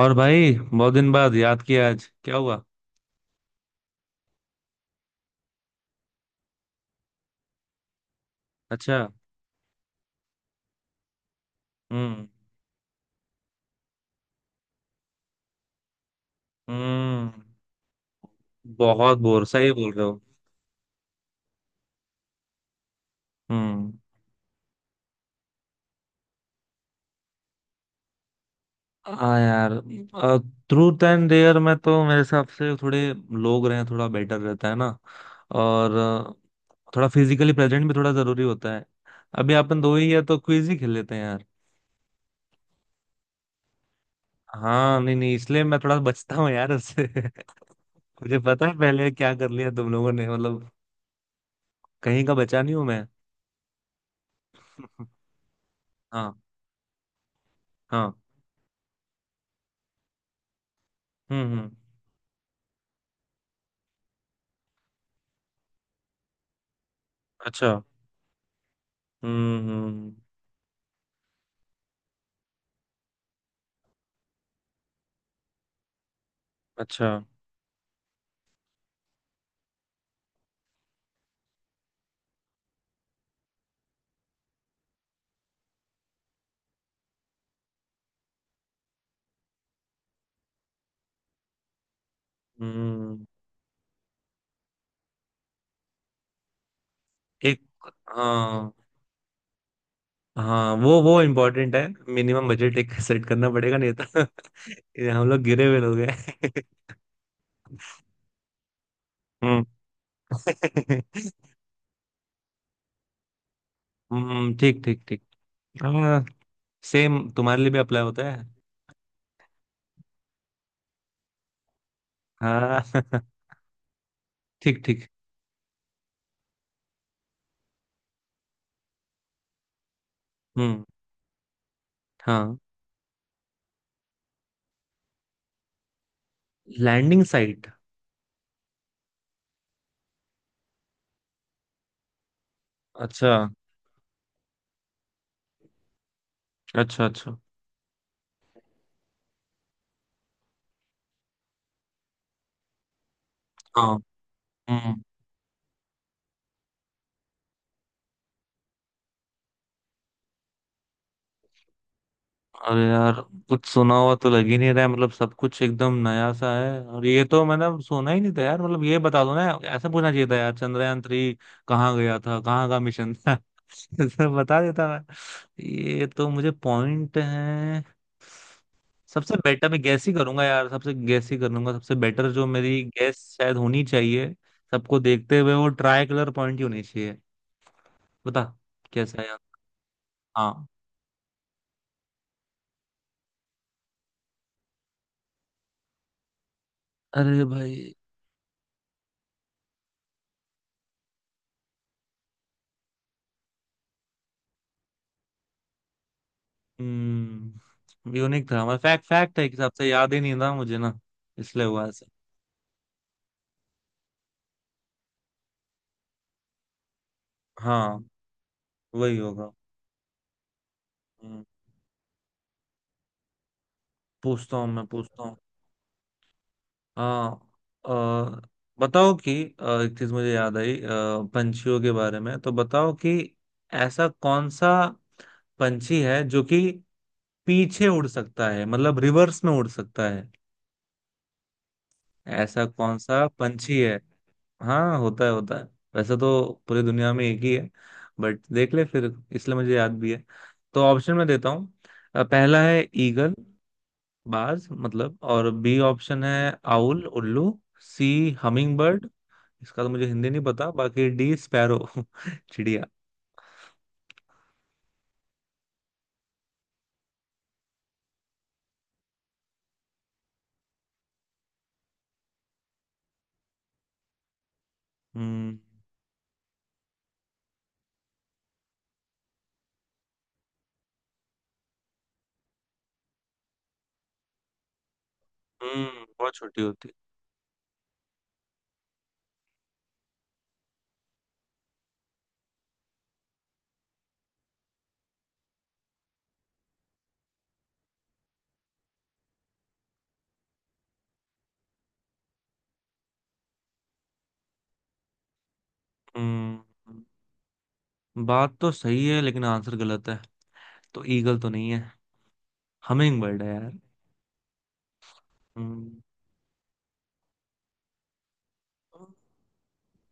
और भाई बहुत दिन बाद याद किया, आज क्या हुआ? अच्छा। हम्म हम्म, बहुत बोर, सही बोल रहे हो। हम्म। हाँ यार, ट्रूथ एंड डेयर में तो मेरे हिसाब से थोड़े लोग रहे, थोड़ा बेटर रहता है ना। और थोड़ा फिजिकली प्रेजेंट भी थोड़ा जरूरी होता है। अभी अपन 2 ही है, तो क्विज ही खेल लेते हैं यार। हाँ, नहीं नहीं, इसलिए मैं थोड़ा बचता हूँ यार उससे। मुझे पता है पहले क्या कर लिया तुम लोगों ने, मतलब कहीं का बचा नहीं हूँ मैं। हाँ हाँ। हम्म। अच्छा। हम्म। अच्छा। हम्म। एक। हाँ हाँ, वो इम्पोर्टेंट है। मिनिमम बजट एक सेट करना पड़ेगा, नहीं तो ये हम लोग गिरे हुए लोग हैं। हम्म। ठीक ठीक ठीक। हाँ, सेम तुम्हारे लिए भी अप्लाई होता है। हाँ। ठीक ठीक। हम्म। हाँ, लैंडिंग साइट। अच्छा अच्छा अच्छा। हाँ। अरे यार, कुछ सुना हुआ तो लग ही नहीं रहा है, मतलब सब कुछ एकदम नया सा है, और ये तो मैंने सुना ही नहीं था यार, मतलब ये बता दो ना। ऐसा पूछना चाहिए था यार, चंद्रयान थ्री कहाँ गया था, कहाँ का मिशन था। ऐसा बता देता मैं। ये तो मुझे पॉइंट है। सबसे बेटर मैं गैस ही करूंगा यार, सबसे गैस ही करूंगा, सबसे बेटर जो मेरी गैस शायद होनी चाहिए सबको देखते हुए वो ट्राई कलर पॉइंट ही होनी चाहिए। बता कैसा है यार। हाँ। अरे भाई। हम्म, यूनिक था, हमारा फैक्ट फैक्ट है एक हिसाब से, याद ही नहीं था मुझे ना, इसलिए हुआ ऐसा। हाँ। वही होगा। हम्म। पूछता हूँ, मैं पूछता हूँ। हाँ, बताओ कि, एक चीज मुझे याद आई, पंछियों के बारे में तो बताओ कि ऐसा कौन सा पंछी है जो कि पीछे उड़ सकता है, मतलब रिवर्स में उड़ सकता है। ऐसा कौन सा पंछी है? हाँ होता है होता है। वैसे तो पूरी दुनिया में एक ही है, बट देख ले फिर, इसलिए मुझे याद भी है, तो ऑप्शन में देता हूँ। पहला है ईगल, बाज मतलब। और बी ऑप्शन है आउल, उल्लू। C hummingbird. इसका तो मुझे हिंदी नहीं पता। बाकी डी स्पैरो, चिड़िया। हम्म बहुत छोटी होती है। हम्म, बात तो सही है लेकिन आंसर गलत है, तो ईगल तो नहीं है। हमिंग बर्ड है यार। हम्म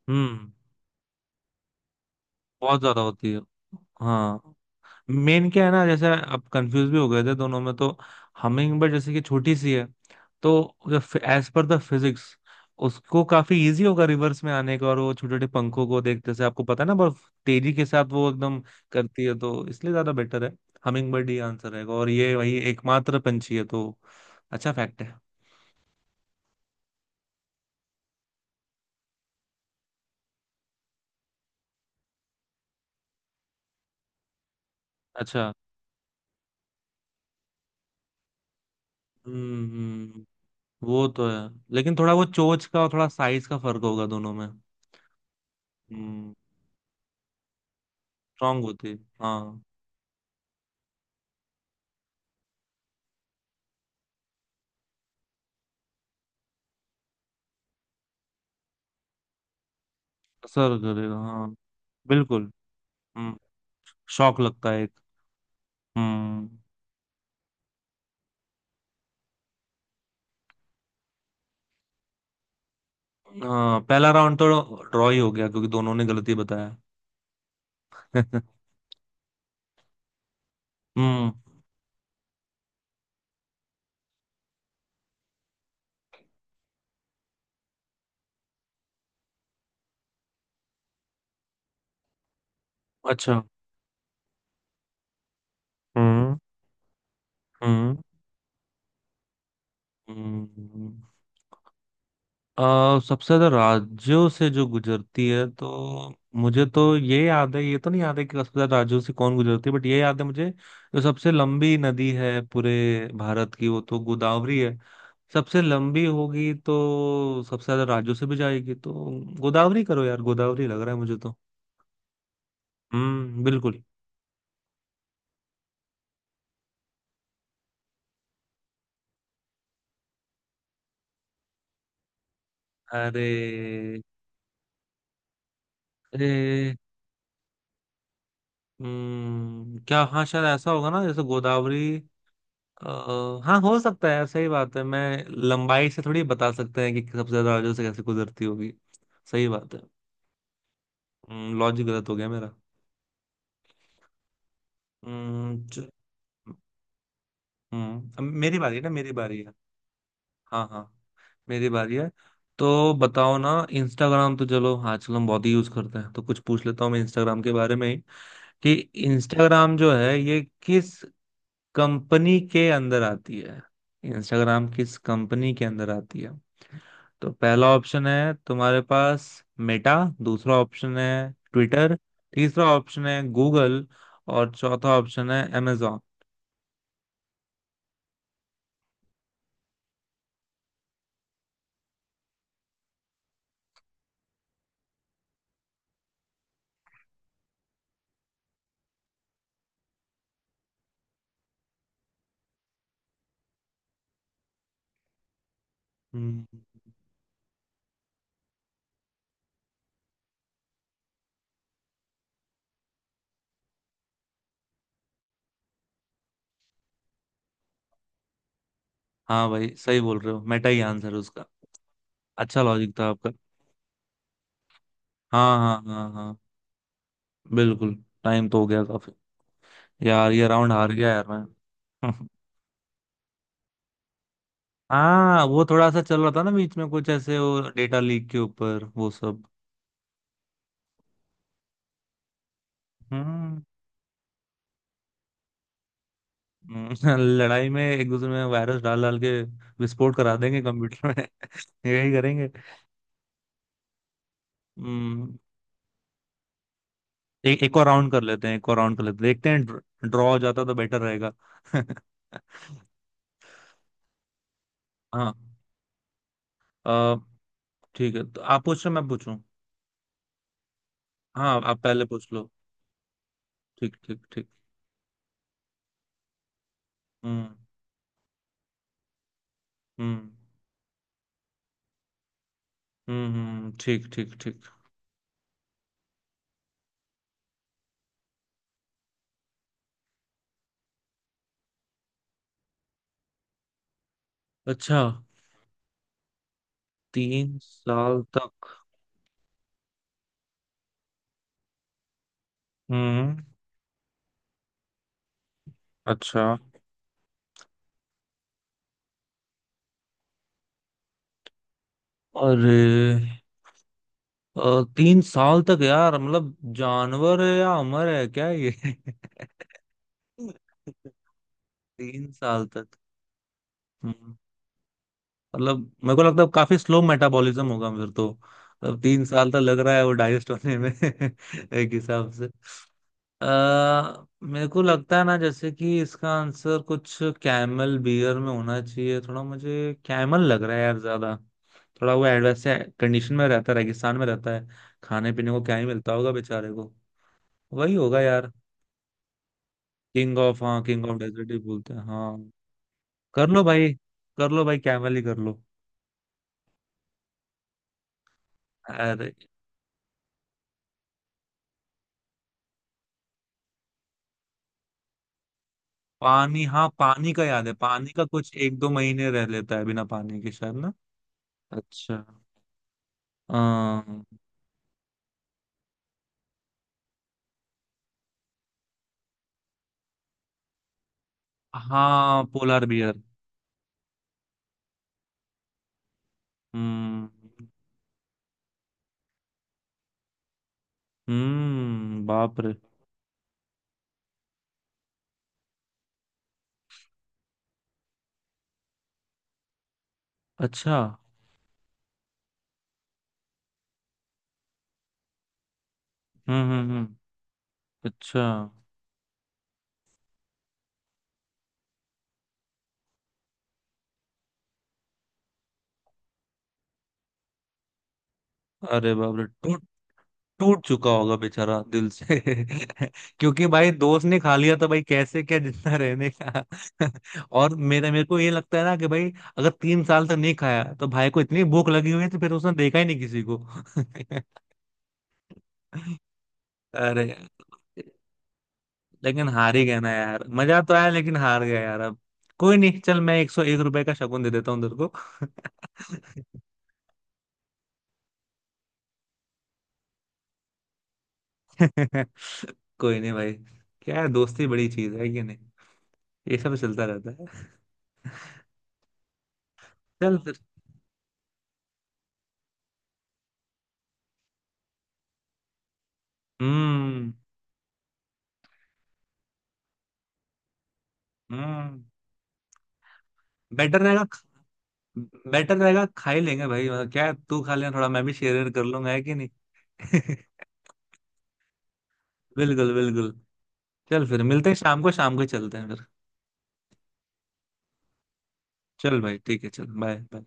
हम्म, बहुत ज्यादा होती है। हाँ, मेन क्या है ना, जैसे अब कंफ्यूज भी हो गए थे दोनों में, तो हमिंग बर्ड जैसे कि छोटी सी है, तो एज पर द फिजिक्स उसको काफी इजी होगा रिवर्स में आने का, और वो छोटे छोटे पंखों को देखते से आपको पता है ना, बहुत तेजी के साथ वो एकदम करती है, तो इसलिए ज्यादा बेटर है। हमिंग बर्ड ही आंसर रहेगा और ये वही एकमात्र पंछी है, तो अच्छा फैक्ट है। अच्छा। हम्म हम्म, वो तो है, लेकिन थोड़ा वो चोंच का और थोड़ा साइज का फर्क होगा दोनों में। हम्म, स्ट्रांग होती है, हाँ। असर करेगा, हाँ। बिल्कुल। हम्म। शौक लगता है एक। हम्म। हाँ, पहला राउंड तो ड्रॉ ही हो गया क्योंकि दोनों ने गलती बताया। हम्म। अच्छा। हम्म हम्म हम्म। अ, सबसे ज्यादा राज्यों से जो गुजरती है, तो मुझे तो ये याद है, ये तो नहीं याद है कि सबसे ज्यादा राज्यों से कौन गुजरती है, बट ये याद है मुझे, जो सबसे लंबी नदी है पूरे भारत की वो तो गोदावरी है। सबसे लंबी होगी तो सबसे ज्यादा राज्यों से भी जाएगी, तो गोदावरी करो यार, गोदावरी लग रहा है मुझे तो। हम्म, बिल्कुल। अरे। अरे। हम्म, क्या? हाँ, शायद ऐसा होगा ना, जैसे गोदावरी, हाँ हो सकता है, सही बात है, मैं लंबाई से थोड़ी बता सकते हैं कि सबसे ज्यादा राज्यों से कैसे गुजरती होगी। सही बात है, लॉजिक गलत हो गया मेरा। हम्म, च- अब मेरी बारी है ना, मेरी बारी है। हाँ हाँ। मेरी बारी है, तो बताओ ना, इंस्टाग्राम तो चलो आजकल हम बहुत ही यूज करते हैं, तो कुछ पूछ लेता हूँ मैं इंस्टाग्राम के बारे में ही, कि इंस्टाग्राम जो है ये किस कंपनी के अंदर आती है? इंस्टाग्राम किस कंपनी के अंदर आती है? तो पहला ऑप्शन है तुम्हारे पास मेटा, दूसरा ऑप्शन है ट्विटर, तीसरा ऑप्शन है गूगल, और चौथा ऑप्शन है Amazon। हम्म, हाँ भाई सही बोल रहे हो, मेटा ही आंसर है उसका। अच्छा लॉजिक था आपका। हाँ हाँ हाँ हाँ, बिल्कुल। टाइम तो हो गया काफी। यार, ये राउंड हार गया यार मैं। हाँ, वो थोड़ा सा चल रहा था ना बीच में, कुछ ऐसे वो डेटा लीक के ऊपर वो सब। हम्म। हम्म, लड़ाई में एक दूसरे में वायरस डाल डाल के विस्फोट करा देंगे कंप्यूटर में। यही करेंगे। हम्म। एक एक और राउंड कर लेते हैं, एक और राउंड कर लेते हैं, देखते हैं, ड्रॉ हो जाता तो बेटर रहेगा। हाँ, अ, ठीक है, तो आप पूछ रहे हो, मैं पूछूं? हाँ, आप पहले पूछ लो। ठीक ठीक ठीक। हम्म। हम्म ठीक ठीक ठीक। अच्छा। 3 साल तक? हम्म। अच्छा। अरे, 3 साल तक यार, मतलब जानवर है या अमर है क्या ये? तीन साल तक? हम्म, मतलब मेरे को लगता है काफी स्लो मेटाबॉलिज्म होगा फिर तो। मतलब 3 साल तक लग रहा है वो डाइजेस्ट होने में एक हिसाब से। मेरे को लगता है ना, जैसे कि इसका आंसर कुछ कैमल बियर में होना चाहिए, थोड़ा मुझे कैमल लग रहा है यार ज्यादा। थोड़ा वो एडवर्स कंडीशन में रहता है, रेगिस्तान में रहता है, खाने पीने को क्या ही मिलता होगा बेचारे को। वही होगा यार। किंग ऑफ, हाँ, किंग ऑफ डेजर्ट ही बोलते हैं, हाँ। कर लो भाई, कर लो भाई, कैमल ही कर लो। अरे। पानी, हाँ, पानी का याद है, पानी का कुछ 1-2 महीने रह लेता है बिना पानी के शायद ना। अच्छा। अम, हाँ, पोलार बियर। हम्म हम्म, बाप रे। अच्छा। हम्म। अच्छा। अरे बाप रे। टूट चुका होगा बेचारा दिल से। क्योंकि भाई, दोस्त ने खा लिया, तो भाई कैसे क्या जिंदा रहने का। और मेरे मेरे को ये लगता है ना कि भाई, अगर 3 साल तक नहीं खाया, तो भाई को इतनी भूख लगी हुई है, तो फिर उसने देखा ही नहीं किसी को। अरे। लेकिन हार ही गया ना यार, मजा तो आया लेकिन हार गया यार अब। कोई नहीं, चल, मैं ₹101 का शगुन दे देता हूँ तेरे को। कोई नहीं भाई। क्या है, दोस्ती बड़ी चीज है कि नहीं। ये सब चलता रहता है। चल फिर। हम्म। हम्म, बेटर रहेगा। बेटर रहेगा, खा ही लेंगे भाई, मतलब क्या है, तू खा लेना थोड़ा, मैं भी शेयर कर लूंगा, है कि नहीं। बिल्कुल बिल्कुल। चल फिर मिलते हैं शाम को, शाम को चलते हैं फिर। चल भाई, ठीक है, चल बाय।